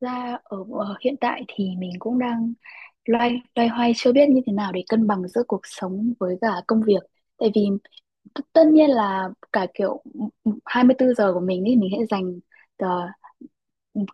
Ra ở ở hiện tại thì mình cũng đang loay loay hoay chưa biết như thế nào để cân bằng giữa cuộc sống với cả công việc. Tại vì tất nhiên là cả kiểu 24 giờ của mình thì mình sẽ dành ờ,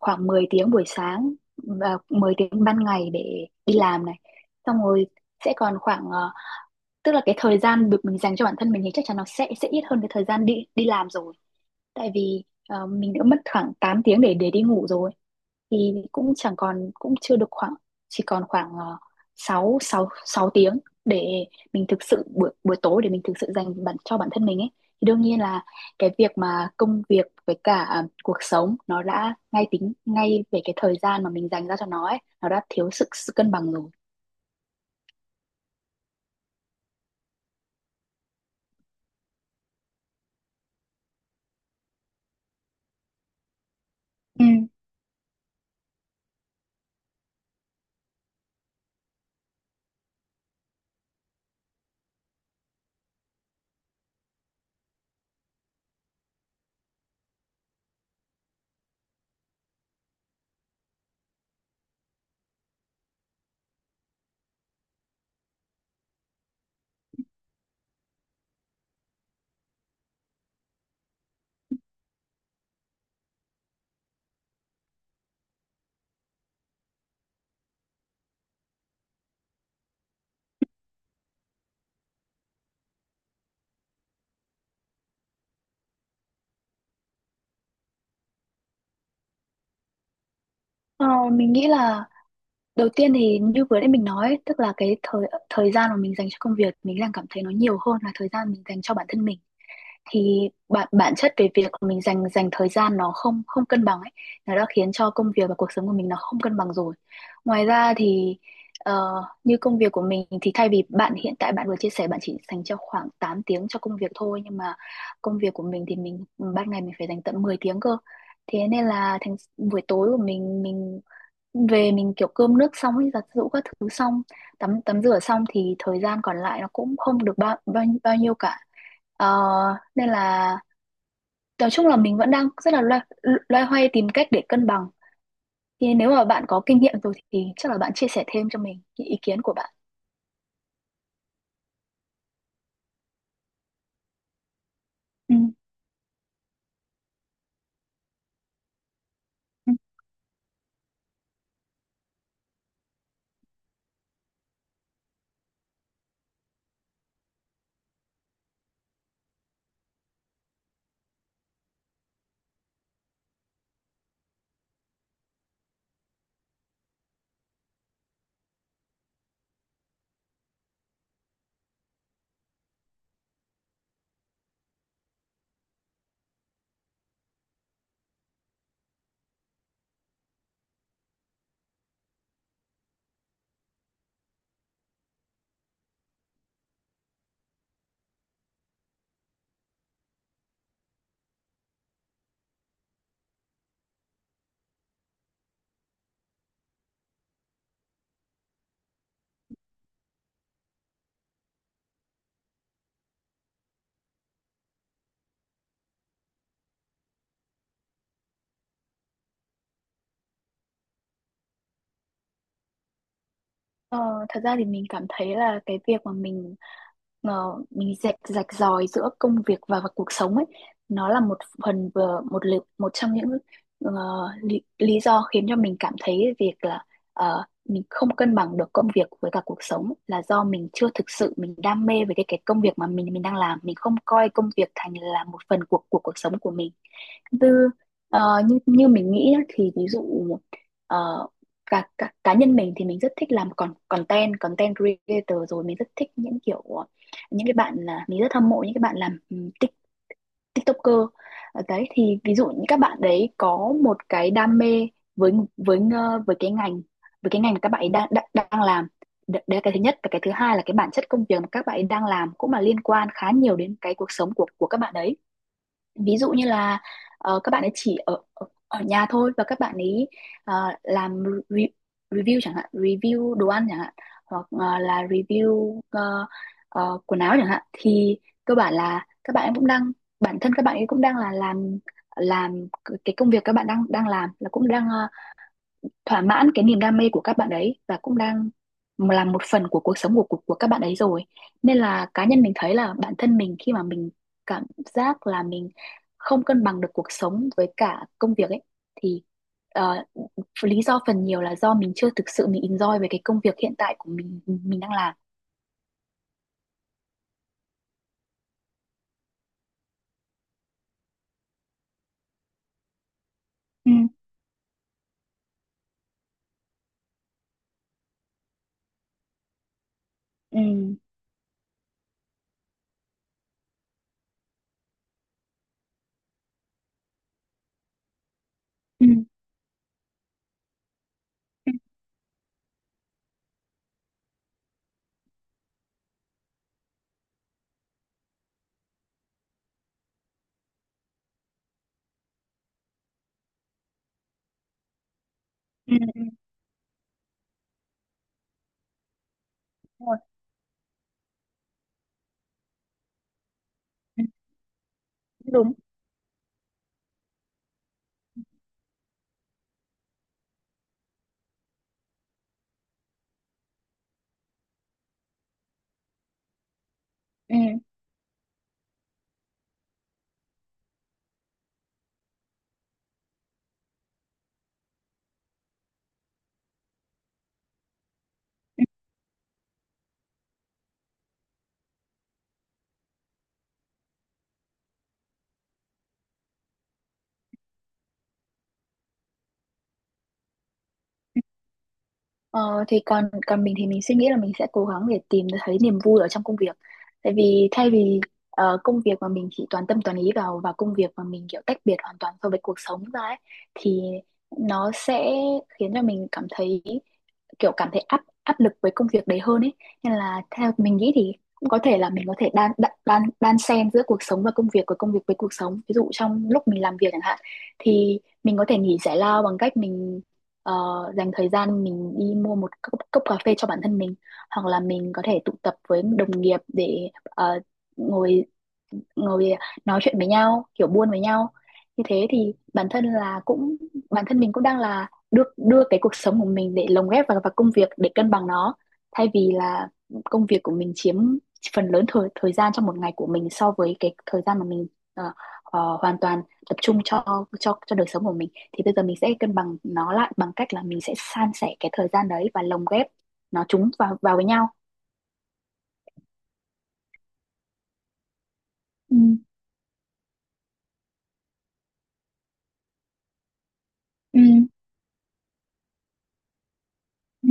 khoảng 10 tiếng buổi sáng và 10 tiếng ban ngày để đi làm này. Xong rồi sẽ còn khoảng tức là cái thời gian được mình dành cho bản thân mình thì chắc chắn nó sẽ ít hơn cái thời gian đi đi làm rồi, tại vì mình đã mất khoảng 8 tiếng để đi ngủ rồi, thì cũng chẳng còn, cũng chưa được khoảng, chỉ còn khoảng 6 6 6 tiếng để mình thực sự buổi buổi tối để mình thực sự dành bản cho bản thân mình ấy, thì đương nhiên là cái việc mà công việc với cả cuộc sống, nó đã ngay tính ngay về cái thời gian mà mình dành ra cho nó ấy, nó đã thiếu sự cân bằng rồi. Ừ. Ờ, mình nghĩ là đầu tiên thì như vừa nãy mình nói, ấy, tức là cái thời thời gian mà mình dành cho công việc, mình đang cảm thấy nó nhiều hơn là thời gian mình dành cho bản thân mình. Thì bản bản chất về việc mình dành dành thời gian nó không không cân bằng ấy, nó đã khiến cho công việc và cuộc sống của mình nó không cân bằng rồi. Ngoài ra thì ờ, như công việc của mình thì thay vì bạn hiện tại bạn vừa chia sẻ bạn chỉ dành cho khoảng 8 tiếng cho công việc thôi, nhưng mà công việc của mình thì mình ban ngày mình phải dành tận 10 tiếng cơ. Thế nên là thành buổi tối của mình về mình kiểu cơm nước xong ấy, giặt giũ các thứ xong, tắm tắm rửa xong thì thời gian còn lại nó cũng không được bao bao, bao nhiêu cả. Ờ, nên là nói chung là mình vẫn đang rất là loay hoay tìm cách để cân bằng, thì nếu mà bạn có kinh nghiệm rồi thì chắc là bạn chia sẻ thêm cho mình những ý kiến của bạn. Ừ. Ừ. Ờ, thật ra thì mình cảm thấy là cái việc mà mình mình rạch rạch ròi giữa công việc và cuộc sống ấy, nó là một phần vừa một lực, một trong những ờ, lý do khiến cho mình cảm thấy việc là mình không cân bằng được công việc với cả cuộc sống, là do mình chưa thực sự mình đam mê với cái công việc mà mình đang làm, mình không coi công việc thành là một phần của cuộc sống của mình. tư như như mình nghĩ á, thì ví dụ ờ, cá nhân mình thì mình rất thích làm con content content creator, rồi mình rất thích những kiểu những cái bạn, là mình rất hâm mộ những cái bạn làm TikToker. Ờ, đấy thì ví dụ những các bạn đấy có một cái đam mê với cái ngành, mà các bạn ấy đang đang, đang làm. Đấy là cái thứ nhất, và cái thứ hai là cái bản chất công việc mà các bạn ấy đang làm cũng là liên quan khá nhiều đến cái cuộc sống của các bạn đấy. Ví dụ như là các bạn ấy chỉ ở ở ở nhà thôi, và các bạn ấy ờ, làm re review chẳng hạn, review đồ ăn chẳng hạn, hoặc là review quần áo chẳng hạn, thì cơ bản là các bạn ấy cũng đang, bản thân các bạn ấy cũng đang là làm cái công việc các bạn đang đang làm, là cũng đang thỏa mãn cái niềm đam mê của các bạn ấy, và cũng đang là một phần của cuộc sống của của các bạn ấy rồi. Nên là cá nhân mình thấy là bản thân mình khi mà mình cảm giác là mình không cân bằng được cuộc sống với cả công việc ấy, thì ờ, lý do phần nhiều là do mình chưa thực sự mình enjoy về cái công việc hiện tại của mình đang làm. Ừ. Ừ. Ừ. Ừ. Ừ, ừ, đúng rồi. Ừ, đúng. Ừ. Ờ, thì còn còn mình thì mình suy nghĩ là mình sẽ cố gắng để tìm thấy niềm vui ở trong công việc. Tại vì thay vì công việc mà mình chỉ toàn tâm toàn ý vào, và công việc mà mình kiểu tách biệt hoàn toàn so với cuộc sống ra ấy, thì nó sẽ khiến cho mình cảm thấy, kiểu cảm thấy áp áp lực với công việc đấy hơn ấy. Nên là theo mình nghĩ thì cũng có thể là mình có thể đan xen giữa cuộc sống và công việc, của công việc với cuộc sống. Ví dụ trong lúc mình làm việc chẳng hạn, thì mình có thể nghỉ giải lao bằng cách mình ờ, dành thời gian mình đi mua một cốc cà phê cho bản thân mình, hoặc là mình có thể tụ tập với đồng nghiệp để ngồi ngồi nói chuyện với nhau, kiểu buôn với nhau. Như thế thì bản thân là cũng, bản thân mình cũng đang là đưa đưa cái cuộc sống của mình để lồng ghép vào công việc để cân bằng nó. Thay vì là công việc của mình chiếm phần lớn thời thời gian trong một ngày của mình, so với cái thời gian mà mình ờ, hoàn toàn tập trung cho cho đời sống của mình, thì bây giờ mình sẽ cân bằng nó lại bằng cách là mình sẽ san sẻ cái thời gian đấy và lồng ghép nó, chúng vào vào với nhau. Ừ. Ừ. Ừ,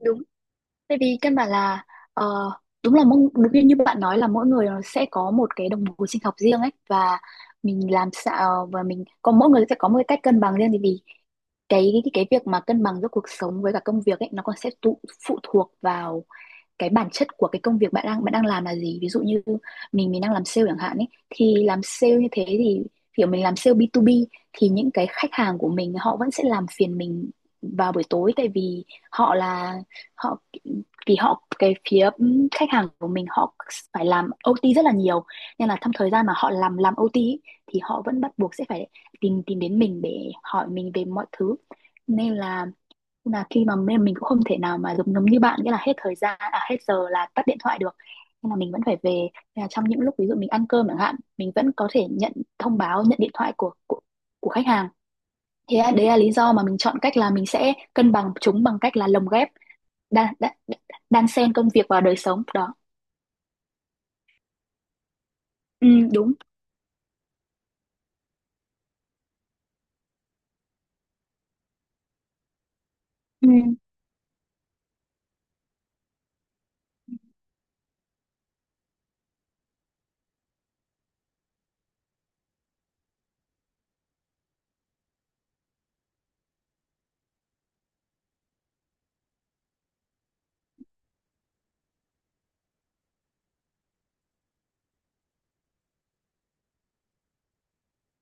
đúng. Tại vì căn bản là ờ, đúng là, đúng như bạn nói, là mỗi người nó sẽ có một cái đồng hồ sinh học riêng ấy, và mình làm sao, ờ, và mình có mỗi người sẽ có một cái cách cân bằng riêng. Thì vì cái việc mà cân bằng giữa cuộc sống với cả công việc ấy, nó còn sẽ phụ thuộc vào cái bản chất của cái công việc bạn đang làm là gì. Ví dụ như mình đang làm sale chẳng hạn ấy, thì làm sale như thế thì kiểu mình làm sale B2B, thì những cái khách hàng của mình họ vẫn sẽ làm phiền mình vào buổi tối, tại vì họ là, họ vì họ cái phía khách hàng của mình họ phải làm OT rất là nhiều. Nên là trong thời gian mà họ làm OT ý, thì họ vẫn bắt buộc sẽ phải tìm tìm đến mình để hỏi mình về mọi thứ. Nên là khi mà mình cũng không thể nào mà giống giống như bạn, nghĩa là hết thời gian, à, hết giờ là tắt điện thoại được, nên là mình vẫn phải về. Nên là trong những lúc ví dụ mình ăn cơm chẳng hạn, mình vẫn có thể nhận thông báo, nhận điện thoại của của khách hàng. Đấy là lý do mà mình chọn cách là mình sẽ cân bằng chúng bằng cách là lồng ghép, đan đan, đan xen công việc vào đời sống đó. Ừ, đúng. Ừ.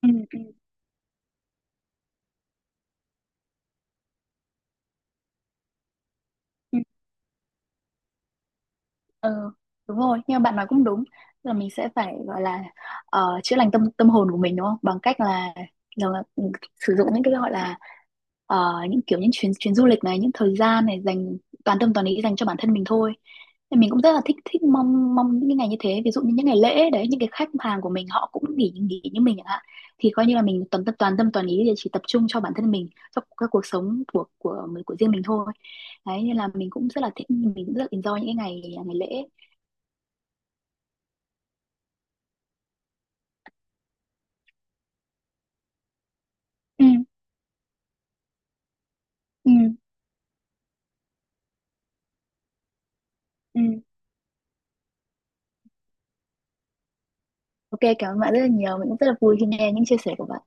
Ừ. Ừ. Ừ, đúng rồi, nhưng mà bạn nói cũng đúng, là mình sẽ phải gọi là chữa lành tâm tâm hồn của mình, đúng không? Bằng cách là, là, là ừ, sử dụng những cái gọi là những kiểu những chuyến chuyến du lịch này, những thời gian này, dành toàn tâm toàn ý dành cho bản thân mình thôi. Thì mình cũng rất là thích thích mong mong những cái ngày như thế, ví dụ như những ngày lễ đấy, những cái khách hàng của mình họ cũng nghỉ nghỉ như mình chẳng hạn. Thì coi như là mình toàn tâm toàn ý để chỉ tập trung cho bản thân mình, cho các cuộc sống của mình, của riêng mình thôi. Đấy nên là mình cũng rất là thích, mình cũng rất là enjoy những cái ngày ngày lễ. Ừ. Ừ. Ừ. OK, cảm ơn bạn rất là nhiều, mình cũng rất là vui khi nghe những chia sẻ của bạn.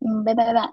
Ừ, bye bye bạn.